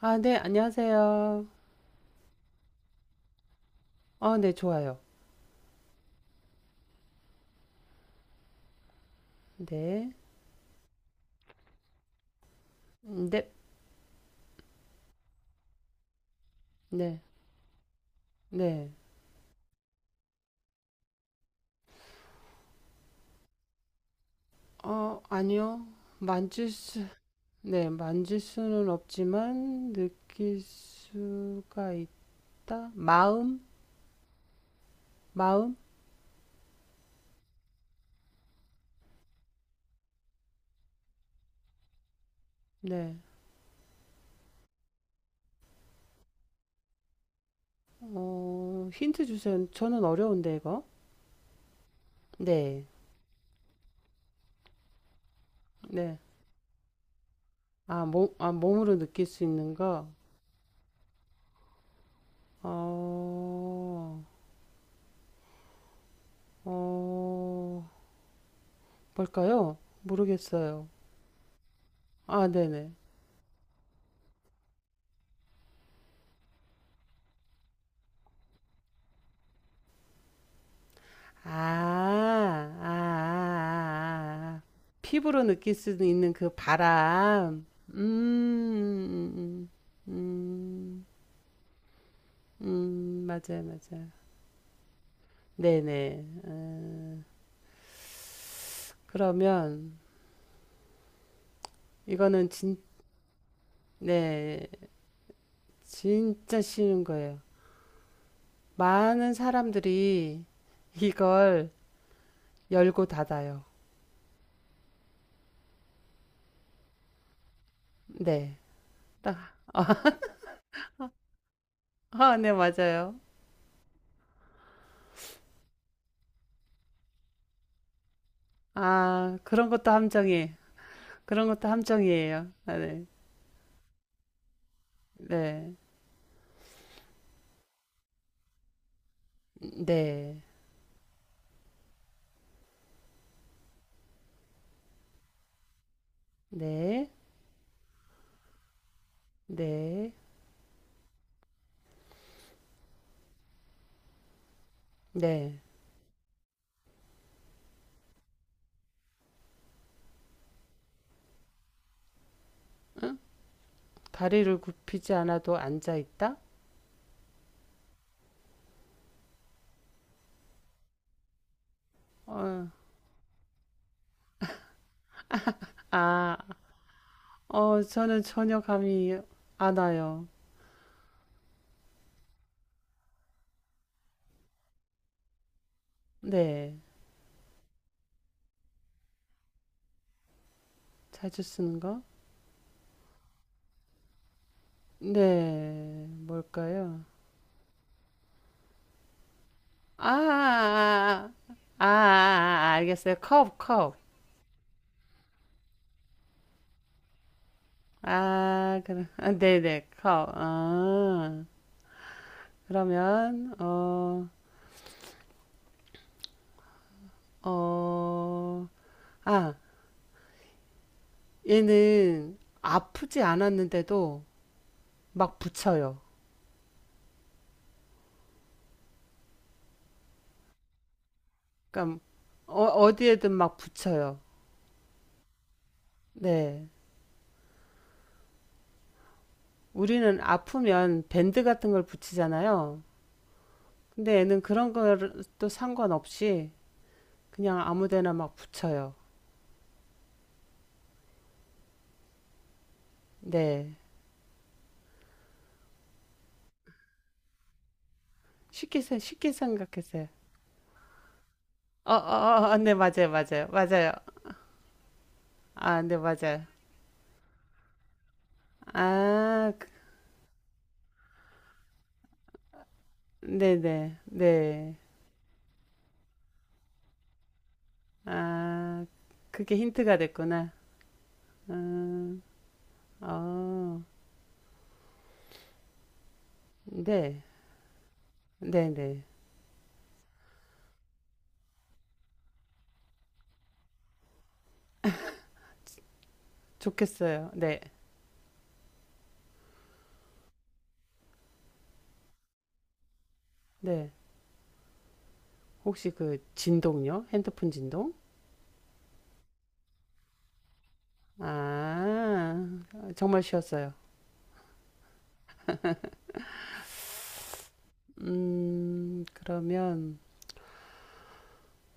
아, 네, 안녕하세요. 네, 좋아요. 네, 네, 네, 네. 아니요. 만질 수, 네, 만질 수는 없지만 느낄 수가 있다. 마음, 마음, 네. 힌트 주세요. 저는 어려운데 이거. 네, 네. 아, 몸, 아, 몸으로 느낄 수 있는 거. 어, 어, 뭘까요? 모르겠어요. 아, 네네. 아, 아, 아, 아. 피부로 느낄 수 있는 그 바람. 음, 음, 음, 음, 맞아요, 맞아요. 네네. 그러면 이거는 진, 네, 진짜 쉬운 거예요. 많은 사람들이 이걸 열고 닫아요. 네. 딱, 아, 아, 네, 맞아요. 아, 그런 것도 함정이에요. 그런 것도 함정이에요. 아, 네. 네. 네, 네, 네, 네. 다리를 굽히지 않아도 앉아 있다? 어, 아, 저는 전혀 감이 안 와요. 네, 자주 쓰는 거? 네, 뭘까요? 아, 아, 아, 아, 아, 아, 알겠어요. 컵, 컵. 아, 그럼, 아, 네네, 컵. 아, 그러면, 어, 어, 아, 얘는 아프지 않았는데도 막 붙여요. 그러니까 어디에든 막 붙여요. 네. 우리는 아프면 밴드 같은 걸 붙이잖아요. 근데 애는 그런 것도 상관없이 그냥 아무 데나 막 붙여요. 네. 쉽게 생각했어요. 네, 맞아요, 맞아요, 맞아요. 아, 네, 맞아요. 아, 그- 네네, 네. 네. 아, 그게 힌트가 됐구나. 음, 어, 네, 네네. 좋겠어요. 네. 네. 혹시 그 진동요? 핸드폰 진동? 아, 정말 쉬웠어요. 그러면,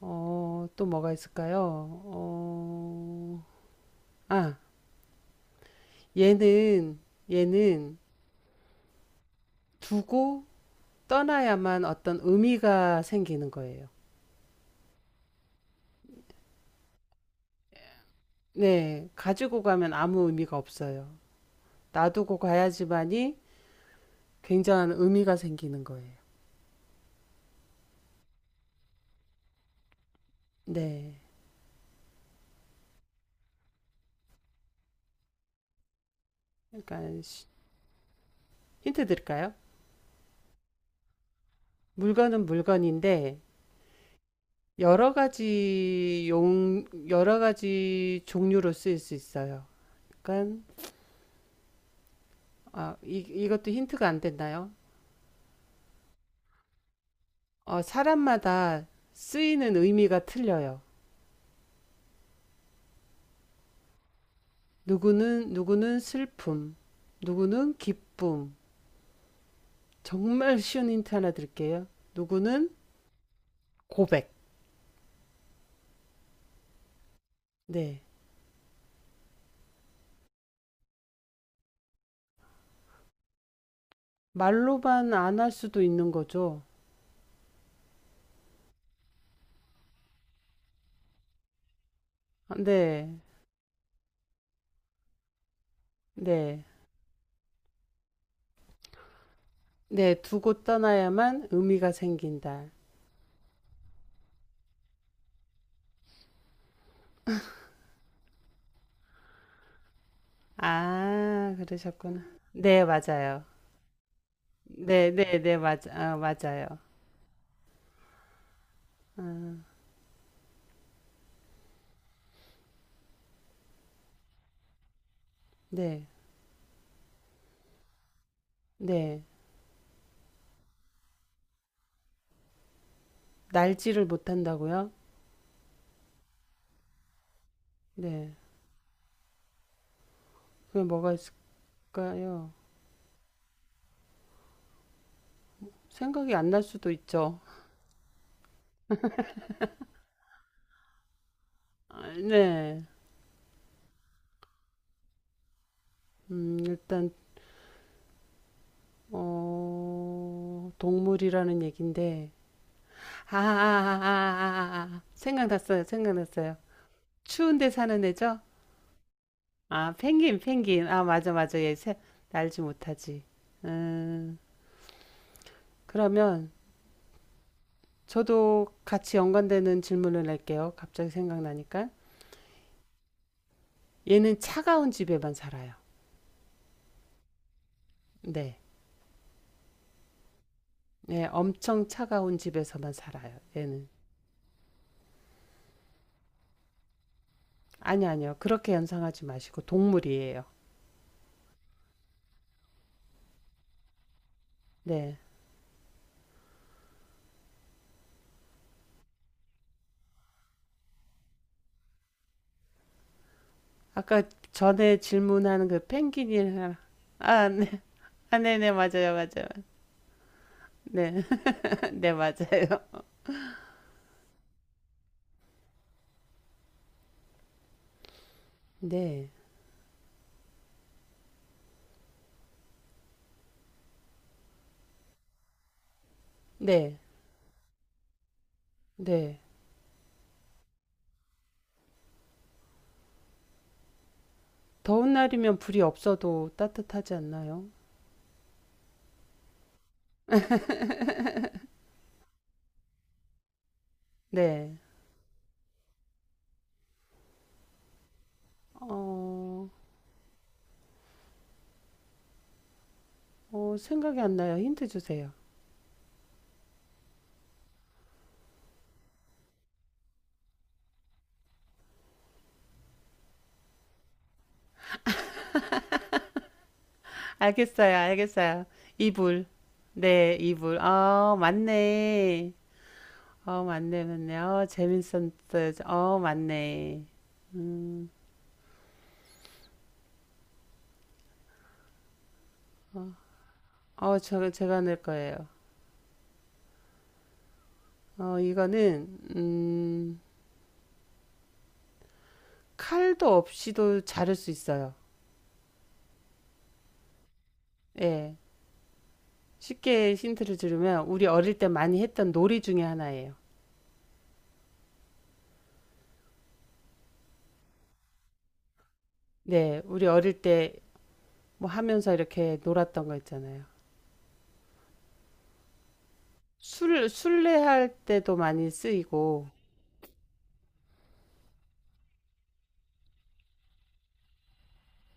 또 뭐가 있을까요? 아, 얘는, 얘는 두고 떠나야만 어떤 의미가 생기는 거예요. 네, 가지고 가면 아무 의미가 없어요. 놔두고 가야지만이 굉장한 의미가 생기는 거예요. 네, 그러니까 힌트 드릴까요? 물건은 물건인데, 여러 가지 종류로 쓰일 수 있어요. 그러니까, 이것도 힌트가 안 됐나요? 어, 사람마다 쓰이는 의미가 틀려요. 누구는, 누구는 슬픔, 누구는 기쁨. 정말 쉬운 힌트 하나 드릴게요. 누구는 고백. 네. 말로만 안 할 수도 있는 거죠. 아, 네. 네. 네. 두고 떠나야만 의미가 생긴다. 아, 그러셨구나. 네, 맞아요. 맞아요. 아, 네, 네. 날지를 못한다고요? 네. 그게 뭐가 있을까요? 생각이 안 날 수도 있죠. 아, 네. 음, 일단, 동물이라는 얘긴데. 아, 아, 아, 아, 아, 아. 아, 아. 생각났어요. 생각났어요. 추운데 사는 애죠? 아, 펭귄, 펭귄. 아, 맞아, 맞아. 얘 새, 날지 못하지. 음, 그러면, 저도 같이 연관되는 질문을 낼게요. 갑자기 생각나니까. 얘는 차가운 집에만 살아요. 네. 네, 엄청 차가운 집에서만 살아요. 얘는. 아니, 아니요. 그렇게 연상하지 마시고, 동물이에요. 네. 아까 전에 질문하는 그 펭귄이랑, 아, 네. 아, 네네, 맞아요, 맞아요. 네. 네, 맞아요. 네. 네. 네. 더운 날이면 불이 없어도 따뜻하지 않나요? 네. 어, 생각이 안 나요. 힌트 주세요. 알겠어요, 알겠어요. 이불. 네, 이불. 어, 맞네. 어, 맞네, 맞네. 어, 재밌었어요. 어, 맞네. 어, 저, 제가 낼 거예요. 어, 이거는, 음, 칼도 없이도 자를 수 있어요. 예. 쉽게 힌트를 들으면, 우리 어릴 때 많이 했던 놀이 중에 하나예요. 네, 우리 어릴 때 뭐 하면서 이렇게 놀았던 거 있잖아요. 술래할 때도 많이 쓰이고,